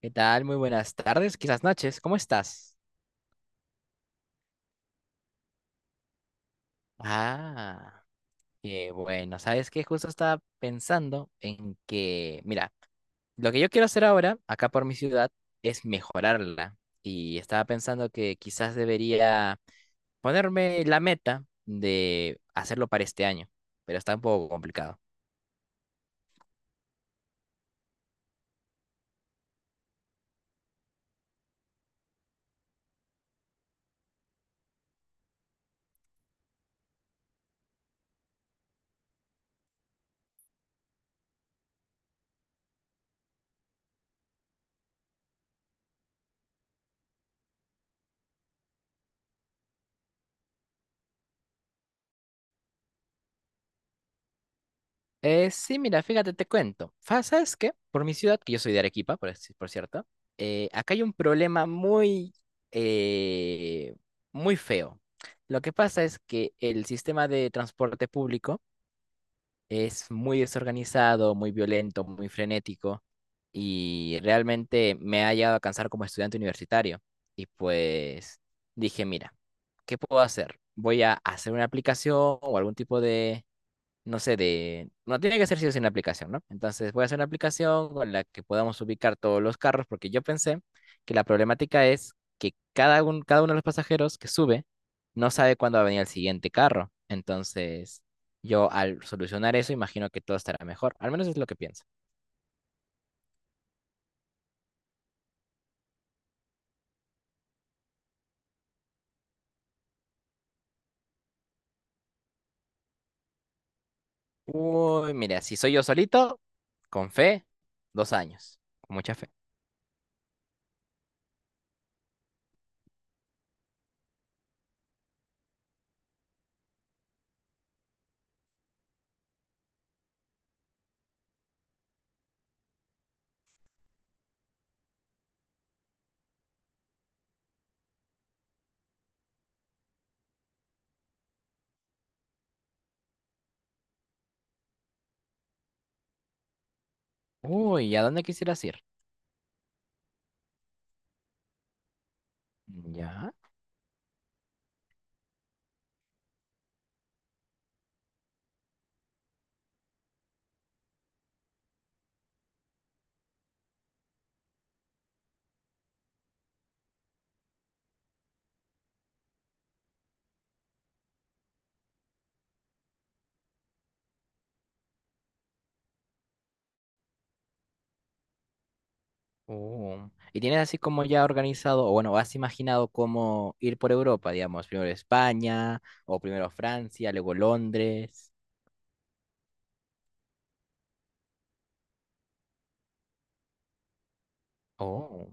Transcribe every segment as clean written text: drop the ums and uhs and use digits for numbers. ¿Qué tal? Muy buenas tardes, quizás noches. ¿Cómo estás? Ah, qué bueno. ¿Sabes qué? Justo estaba pensando en que, mira, lo que yo quiero hacer ahora, acá por mi ciudad, es mejorarla. Y estaba pensando que quizás debería ponerme la meta de hacerlo para este año, pero está un poco complicado. Sí, mira, fíjate, te cuento. ¿Sabes qué? Por mi ciudad, que yo soy de Arequipa, por, por cierto, acá hay un problema muy, eh, muy feo. Lo que pasa es que el sistema de transporte público es muy desorganizado, muy violento, muy frenético y realmente me ha llegado a cansar como estudiante universitario. Y pues dije, mira, ¿qué puedo hacer? Voy a hacer una aplicación o algún tipo de no sé, de... No tiene que ser si es una aplicación, ¿no? Entonces voy a hacer una aplicación con la que podamos ubicar todos los carros, porque yo pensé que la problemática es que cada, cada uno de los pasajeros que sube no sabe cuándo va a venir el siguiente carro. Entonces, yo al solucionar eso, imagino que todo estará mejor. Al menos es lo que pienso. Uy, mira, si soy yo solito, con fe, dos años, con mucha fe. Uy, ¿y a dónde quisieras ir? Ya. Oh. ¿Y tienes así como ya organizado, o bueno, has imaginado cómo ir por Europa, digamos, primero España, o primero Francia, luego Londres? Oh.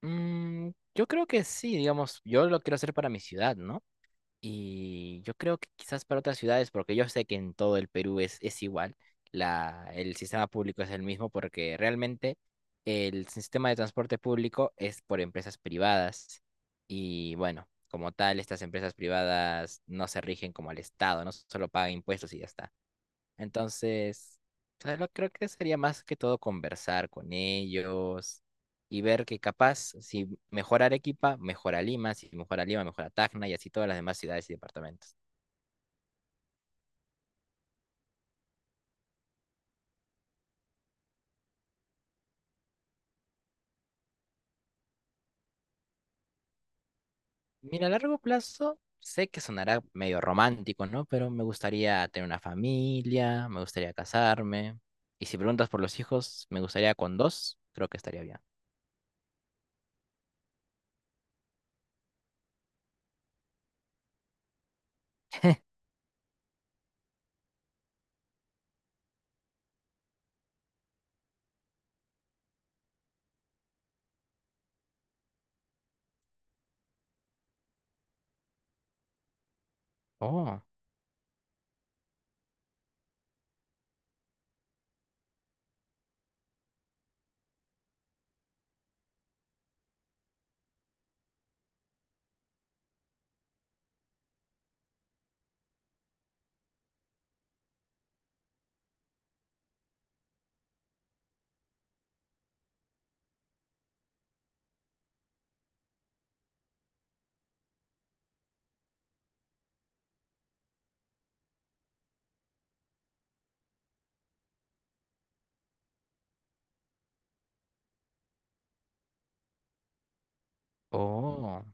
Mm, yo creo que sí, digamos, yo lo quiero hacer para mi ciudad, ¿no? Y yo creo que quizás para otras ciudades, porque yo sé que en todo el Perú es igual, la, el sistema público es el mismo, porque realmente el sistema de transporte público es por empresas privadas. Y bueno, como tal, estas empresas privadas no se rigen como el Estado, no solo pagan impuestos y ya está. Entonces, claro, creo que sería más que todo conversar con ellos y ver que capaz, si mejora Arequipa, mejora Lima, si mejora Lima, mejora Tacna y así todas las demás ciudades y departamentos. Mira, a largo plazo, sé que sonará medio romántico, ¿no? Pero me gustaría tener una familia, me gustaría casarme. Y si preguntas por los hijos, me gustaría con dos, creo que estaría bien. Oh, oh.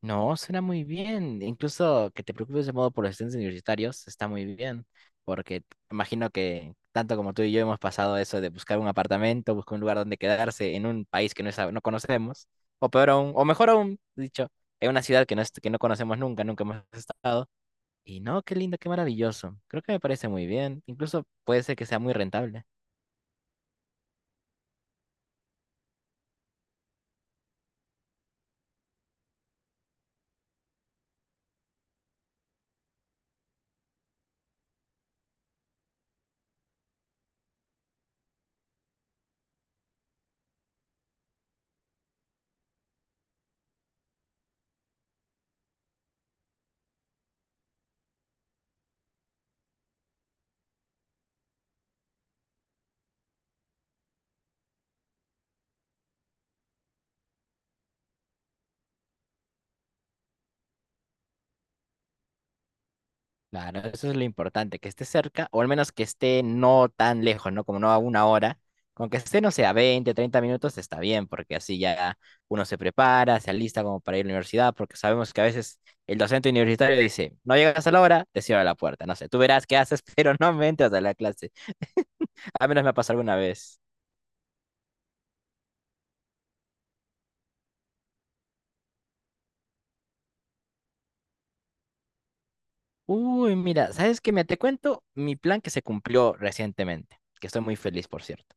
No, suena muy bien. Incluso que te preocupes de modo por los estudiantes universitarios está muy bien, porque imagino que tanto como tú y yo hemos pasado eso de buscar un apartamento, buscar un lugar donde quedarse en un país que no, no conocemos, o peor aún, o mejor aún, dicho, en una ciudad que no, que no conocemos nunca, nunca hemos estado. Y no, qué lindo, qué maravilloso. Creo que me parece muy bien. Incluso puede ser que sea muy rentable. Claro, eso es lo importante, que esté cerca, o al menos que esté no tan lejos, ¿no? Como no a una hora. Con que esté, no sé, a 20, 30 minutos está bien, porque así ya uno se prepara, se alista como para ir a la universidad, porque sabemos que a veces el docente universitario dice, no llegas a la hora, te cierro la puerta, no sé, tú verás qué haces, pero no me entras a la clase. A menos me ha pasado alguna vez. Uy, mira, ¿sabes qué? Me te cuento mi plan que se cumplió recientemente, que estoy muy feliz, por cierto.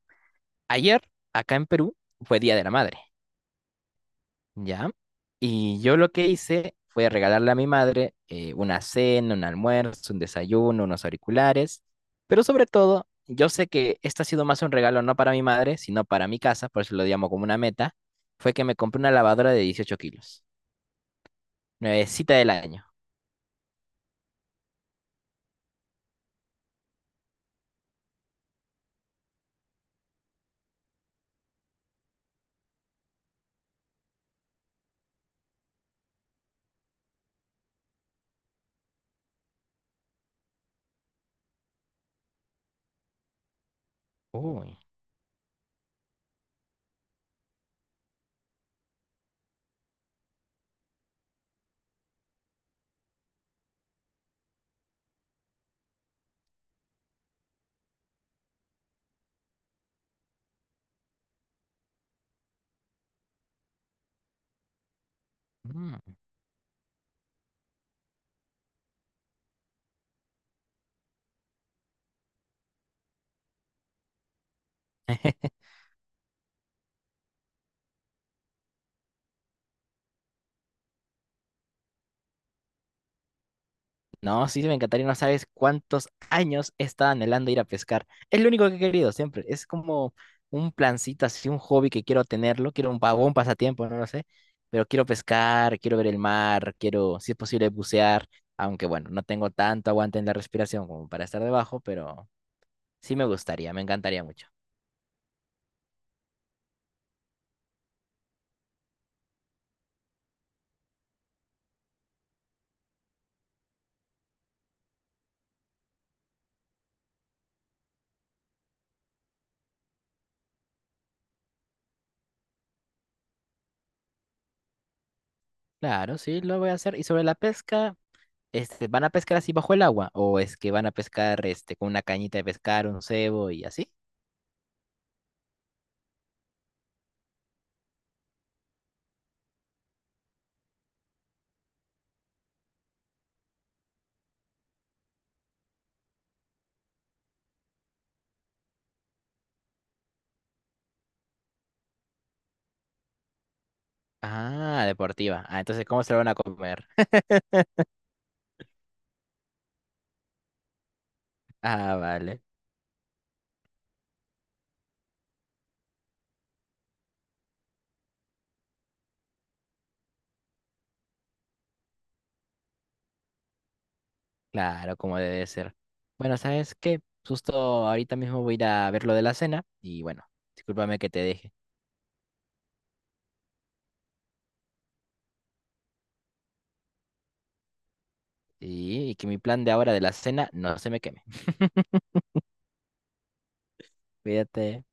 Ayer, acá en Perú, fue Día de la Madre. ¿Ya? Y yo lo que hice fue regalarle a mi madre una cena, un almuerzo, un desayuno, unos auriculares, pero sobre todo, yo sé que este ha sido más un regalo no para mi madre, sino para mi casa, por eso lo llamo como una meta, fue que me compré una lavadora de 18 kilos, nuevecita del año. Uy. Mm. No, sí, me encantaría, no sabes cuántos años he estado anhelando ir a pescar. Es lo único que he querido siempre. Es como un plancito, así un hobby que quiero tenerlo. Quiero un vagón, un pasatiempo, no lo sé. Pero quiero pescar, quiero ver el mar, quiero, si es posible, bucear. Aunque bueno, no tengo tanto aguante en la respiración como para estar debajo, pero sí me gustaría, me encantaría mucho. Claro, sí, lo voy a hacer. Y sobre la pesca, este, ¿van a pescar así bajo el agua? ¿O es que van a pescar este, con una cañita de pescar, un cebo y así? Ah, deportiva. Ah, entonces, ¿cómo se lo van a comer? Ah, vale. Claro, como debe ser. Bueno, ¿sabes qué? Justo ahorita mismo voy a ir a ver lo de la cena y bueno, discúlpame que te deje. Y que mi plan de ahora de la cena no se me queme. Cuídate.